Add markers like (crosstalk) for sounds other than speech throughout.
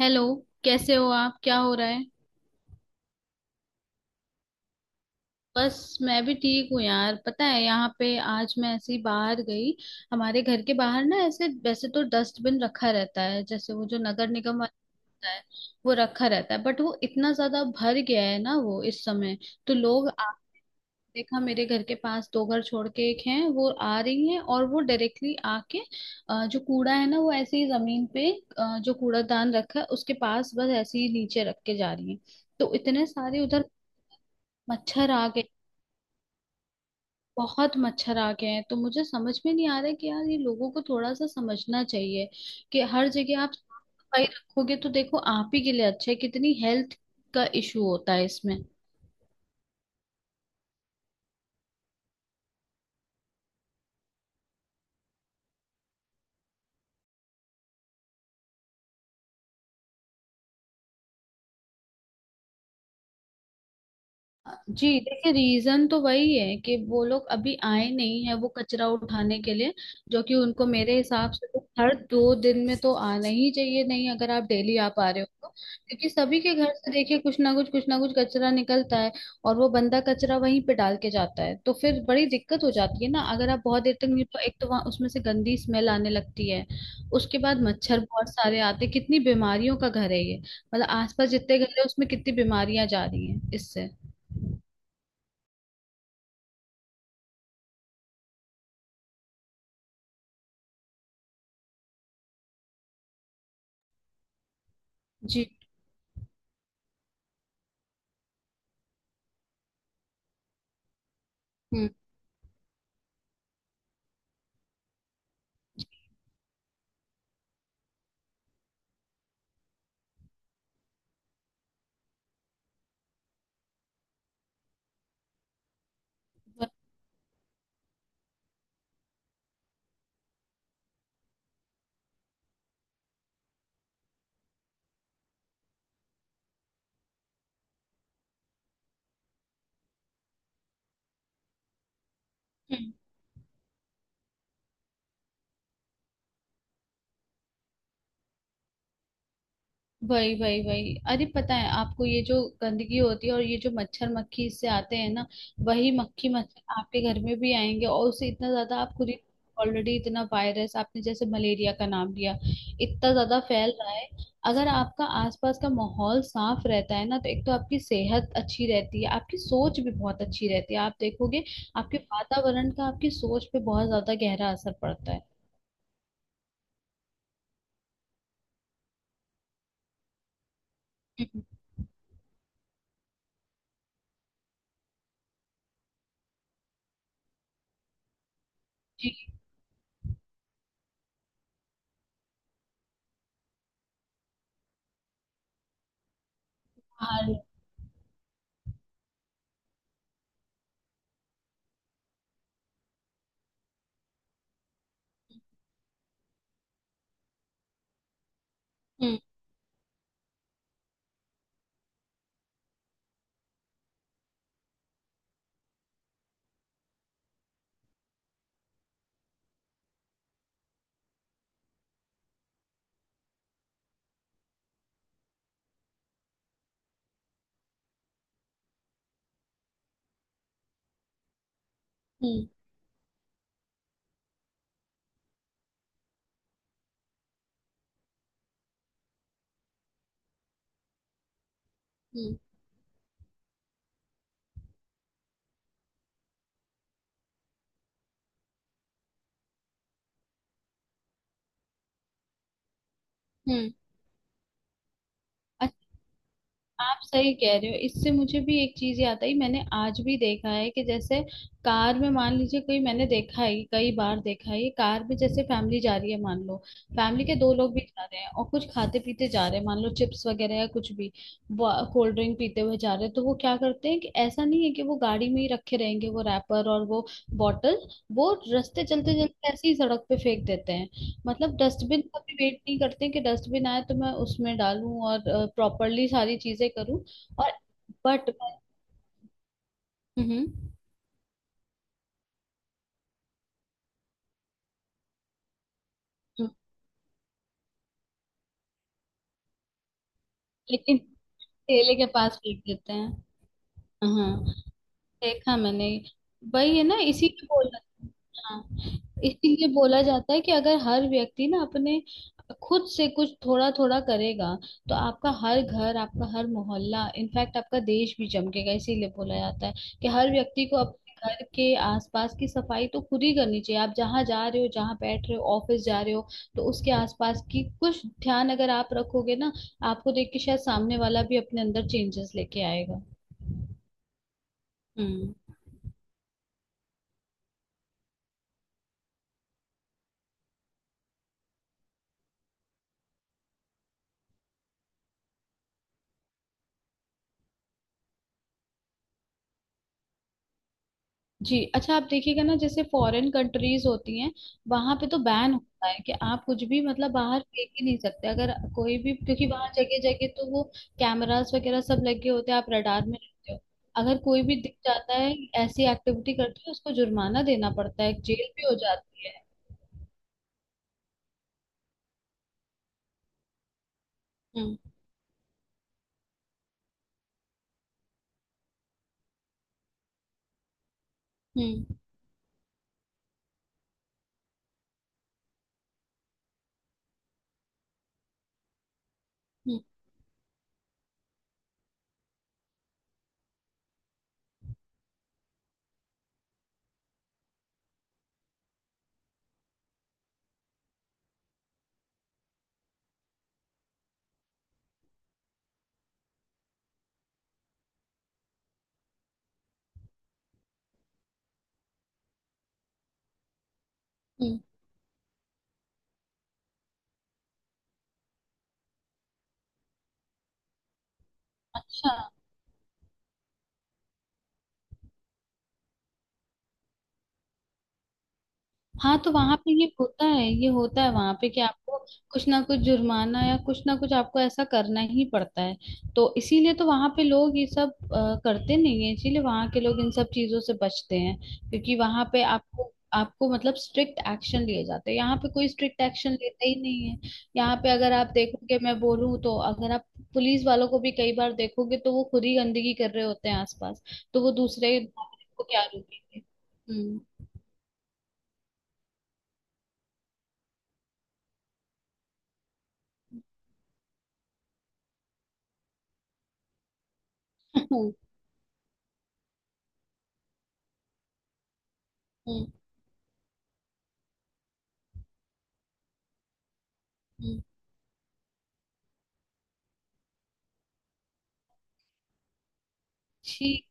Hello. कैसे हो आप? क्या हो रहा है? बस मैं भी ठीक हूँ यार। पता है, यहाँ पे आज मैं ऐसे ही बाहर गई। हमारे घर के बाहर ना, ऐसे वैसे तो डस्टबिन रखा रहता है, जैसे वो जो नगर निगम वाला होता है, वो रखा रहता है। बट वो इतना ज्यादा भर गया है ना वो इस समय। तो लोग, देखा मेरे घर के पास दो घर छोड़ के एक है, वो आ रही है और वो डायरेक्टली आके जो कूड़ा है ना वो ऐसे ही जमीन पे जो कूड़ादान रखा है उसके पास बस ऐसे ही नीचे रख के जा रही है। तो इतने सारे उधर मच्छर आ गए। बहुत मच्छर आ गए हैं। तो मुझे समझ में नहीं आ रहा है कि यार, ये लोगों को थोड़ा सा समझना चाहिए कि हर जगह आप साफ सफाई रखोगे तो देखो आप ही के लिए अच्छा है। कितनी हेल्थ का इशू होता है इसमें। जी। देखिए, रीजन तो वही है कि वो लोग अभी आए नहीं है वो कचरा उठाने के लिए, जो कि उनको मेरे हिसाब से तो हर 2 दिन में तो आना ही चाहिए। नहीं, अगर आप डेली आ पा रहे हो तो। क्योंकि सभी के घर से देखिए कुछ ना कुछ कचरा निकलता है। और वो बंदा कचरा वहीं पे डाल के जाता है तो फिर बड़ी दिक्कत हो जाती है ना। अगर आप बहुत देर तक नहीं, तो एक तो वहाँ उसमें से गंदी स्मेल आने लगती है। उसके बाद मच्छर बहुत सारे आते हैं। कितनी बीमारियों का घर है ये। मतलब आसपास जितने घर है उसमें कितनी बीमारियां जा रही हैं इससे। जी। हम्म। व- हम्म, वही वही वही। अरे पता है आपको, ये जो गंदगी होती है और ये जो मच्छर मक्खी इससे आते हैं ना, वही मक्खी मच्छर आपके घर में भी आएंगे। और उससे इतना ज्यादा आप खुद ही ऑलरेडी इतना वायरस, आपने जैसे मलेरिया का नाम लिया, इतना ज्यादा फैल रहा है। अगर आपका आसपास का माहौल साफ रहता है ना, तो एक तो आपकी सेहत अच्छी रहती है, आपकी सोच भी बहुत अच्छी रहती है। आप देखोगे, आपके वातावरण का आपकी सोच पे बहुत ज्यादा गहरा असर पड़ता है। हम्म। जी। हाँ। हम्म। हम्म। हम्म। हम्म। अच्छा। आप सही कह रहे हो। इससे मुझे भी एक चीज याद आई। मैंने आज भी देखा है कि जैसे कार में, मान लीजिए कोई, मैंने देखा है, कई बार देखा है ये। कार में जैसे फैमिली जा रही है, मान लो फैमिली के दो लोग भी जा रहे हैं और कुछ खाते पीते जा रहे हैं, मान लो चिप्स वगैरह या कुछ भी, कोल्ड ड्रिंक पीते हुए जा रहे हैं। तो वो क्या करते हैं कि ऐसा नहीं है कि वो गाड़ी में ही रखे रहेंगे, वो रैपर और वो बॉटल, वो रास्ते चलते चलते ऐसे ही सड़क पे फेंक देते हैं। मतलब डस्टबिन का भी वेट नहीं करते कि डस्टबिन आए तो मैं उसमें डालूं और प्रॉपरली सारी चीजें करूं। और बट। हम्म। हम्म, लेकिन ठेले के पास फेंक देते हैं। हाँ, देखा मैंने। वही है ना, इसी के बोला। हाँ, इसीलिए बोला जाता है कि अगर हर व्यक्ति ना अपने खुद से कुछ थोड़ा थोड़ा करेगा तो आपका हर घर, आपका हर मोहल्ला, इनफैक्ट आपका देश भी चमकेगा। इसीलिए बोला जाता है कि हर व्यक्ति को अपने घर के आसपास की सफाई तो खुद ही करनी चाहिए। आप जहाँ जा रहे हो, जहाँ बैठ रहे हो, ऑफिस जा रहे हो, तो उसके आसपास की कुछ ध्यान अगर आप रखोगे ना, आपको देख के शायद सामने वाला भी अपने अंदर चेंजेस लेके आएगा। हम्म। जी, अच्छा। आप देखिएगा ना, जैसे फॉरेन कंट्रीज होती हैं, वहां पे तो बैन होता है कि आप कुछ भी मतलब बाहर फेंक ही नहीं सकते अगर कोई भी। क्योंकि वहां जगह जगह तो वो कैमरास वगैरह सब लगे होते हैं, आप रडार में रहते हो। अगर कोई भी दिख जाता है ऐसी एक्टिविटी करते है, उसको जुर्माना देना पड़ता है, जेल भी हो जाती है। हम्म। हम्म। हम्म। हम्म। अच्छा। हाँ, तो वहां पे ये होता है, ये होता है वहां पे कि आपको कुछ ना कुछ जुर्माना या कुछ ना कुछ आपको ऐसा करना ही पड़ता है। तो इसीलिए तो वहां पे लोग ये सब करते नहीं है, इसीलिए वहां के लोग इन सब चीजों से बचते हैं। क्योंकि वहां पे आपको आपको मतलब स्ट्रिक्ट एक्शन लिए जाते हैं। यहाँ पे कोई स्ट्रिक्ट एक्शन लेता ही नहीं है। यहाँ पे अगर आप देखोगे, मैं बोलूँ तो, अगर आप पुलिस वालों को भी कई बार देखोगे तो वो खुद ही गंदगी कर रहे होते हैं आसपास, तो वो दूसरे नागरिक को क्या रोकेंगे। हम्म। (laughs) हम्म। हम्म। ठीक।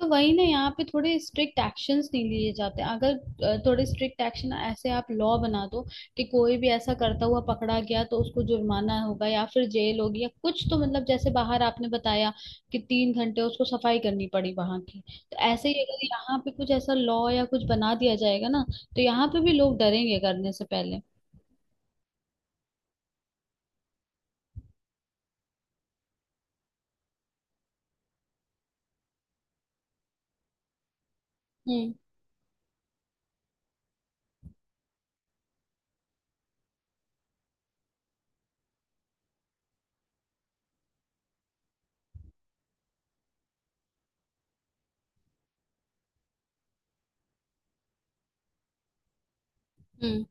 तो वही ना, यहाँ पे थोड़े स्ट्रिक्ट एक्शंस नहीं लिए जाते। अगर थोड़े स्ट्रिक्ट एक्शन ऐसे आप लॉ बना दो कि कोई भी ऐसा करता हुआ पकड़ा गया तो उसको जुर्माना होगा या फिर जेल होगी या कुछ, तो मतलब जैसे बाहर आपने बताया कि 3 घंटे उसको सफाई करनी पड़ी वहां की, तो ऐसे ही अगर यहाँ पे कुछ ऐसा लॉ या कुछ बना दिया जाएगा ना तो यहाँ पे भी लोग डरेंगे करने से पहले। हम्म। हम्म।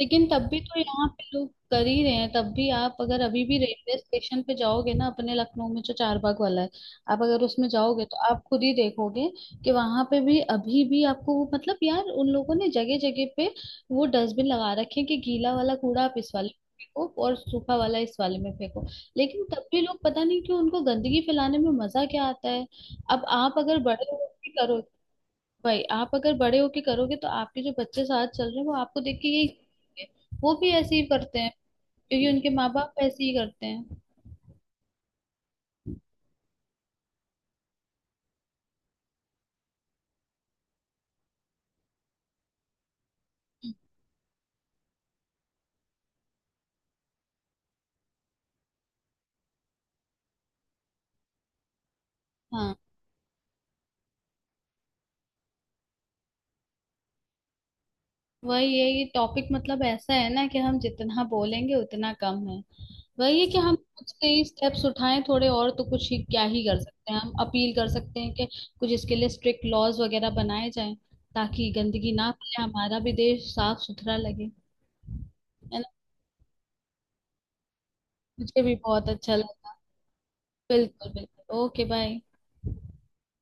लेकिन तब भी तो यहाँ पे लोग कर ही रहे हैं। तब भी आप अगर अभी भी रेलवे स्टेशन पे जाओगे ना, अपने लखनऊ में जो चारबाग वाला है, आप अगर उसमें जाओगे तो आप खुद ही देखोगे कि वहां पे भी अभी भी आपको वो, मतलब यार, उन लोगों ने जगह जगह पे वो डस्टबिन लगा रखे हैं कि गीला वाला कूड़ा आप इस वाले में फेंको और सूखा वाला इस वाले में फेंको। लेकिन तब भी लोग पता नहीं क्यों, उनको गंदगी फैलाने में मजा क्या आता है। अब आप अगर बड़े लोग भी करो, भाई, आप अगर बड़े होके करोगे तो आपके जो बच्चे साथ चल रहे हैं वो आपको देख के यही करेंगे। वो भी ऐसे ही करते हैं, क्योंकि उनके माँ बाप ऐसे ही करते हैं। हाँ। वही है, ये टॉपिक मतलब ऐसा है ना कि हम जितना बोलेंगे उतना कम है। वही है कि हम कुछ कई स्टेप्स उठाएं थोड़े और, तो कुछ ही क्या ही कर सकते हैं। हम अपील कर सकते हैं कि कुछ इसके लिए स्ट्रिक्ट लॉज वगैरह बनाए जाएं, ताकि गंदगी ना फैले, हमारा भी देश साफ सुथरा लगे। है ना। मुझे भी बहुत अच्छा लगा। बिल्कुल बिल्कुल। ओके। बाय।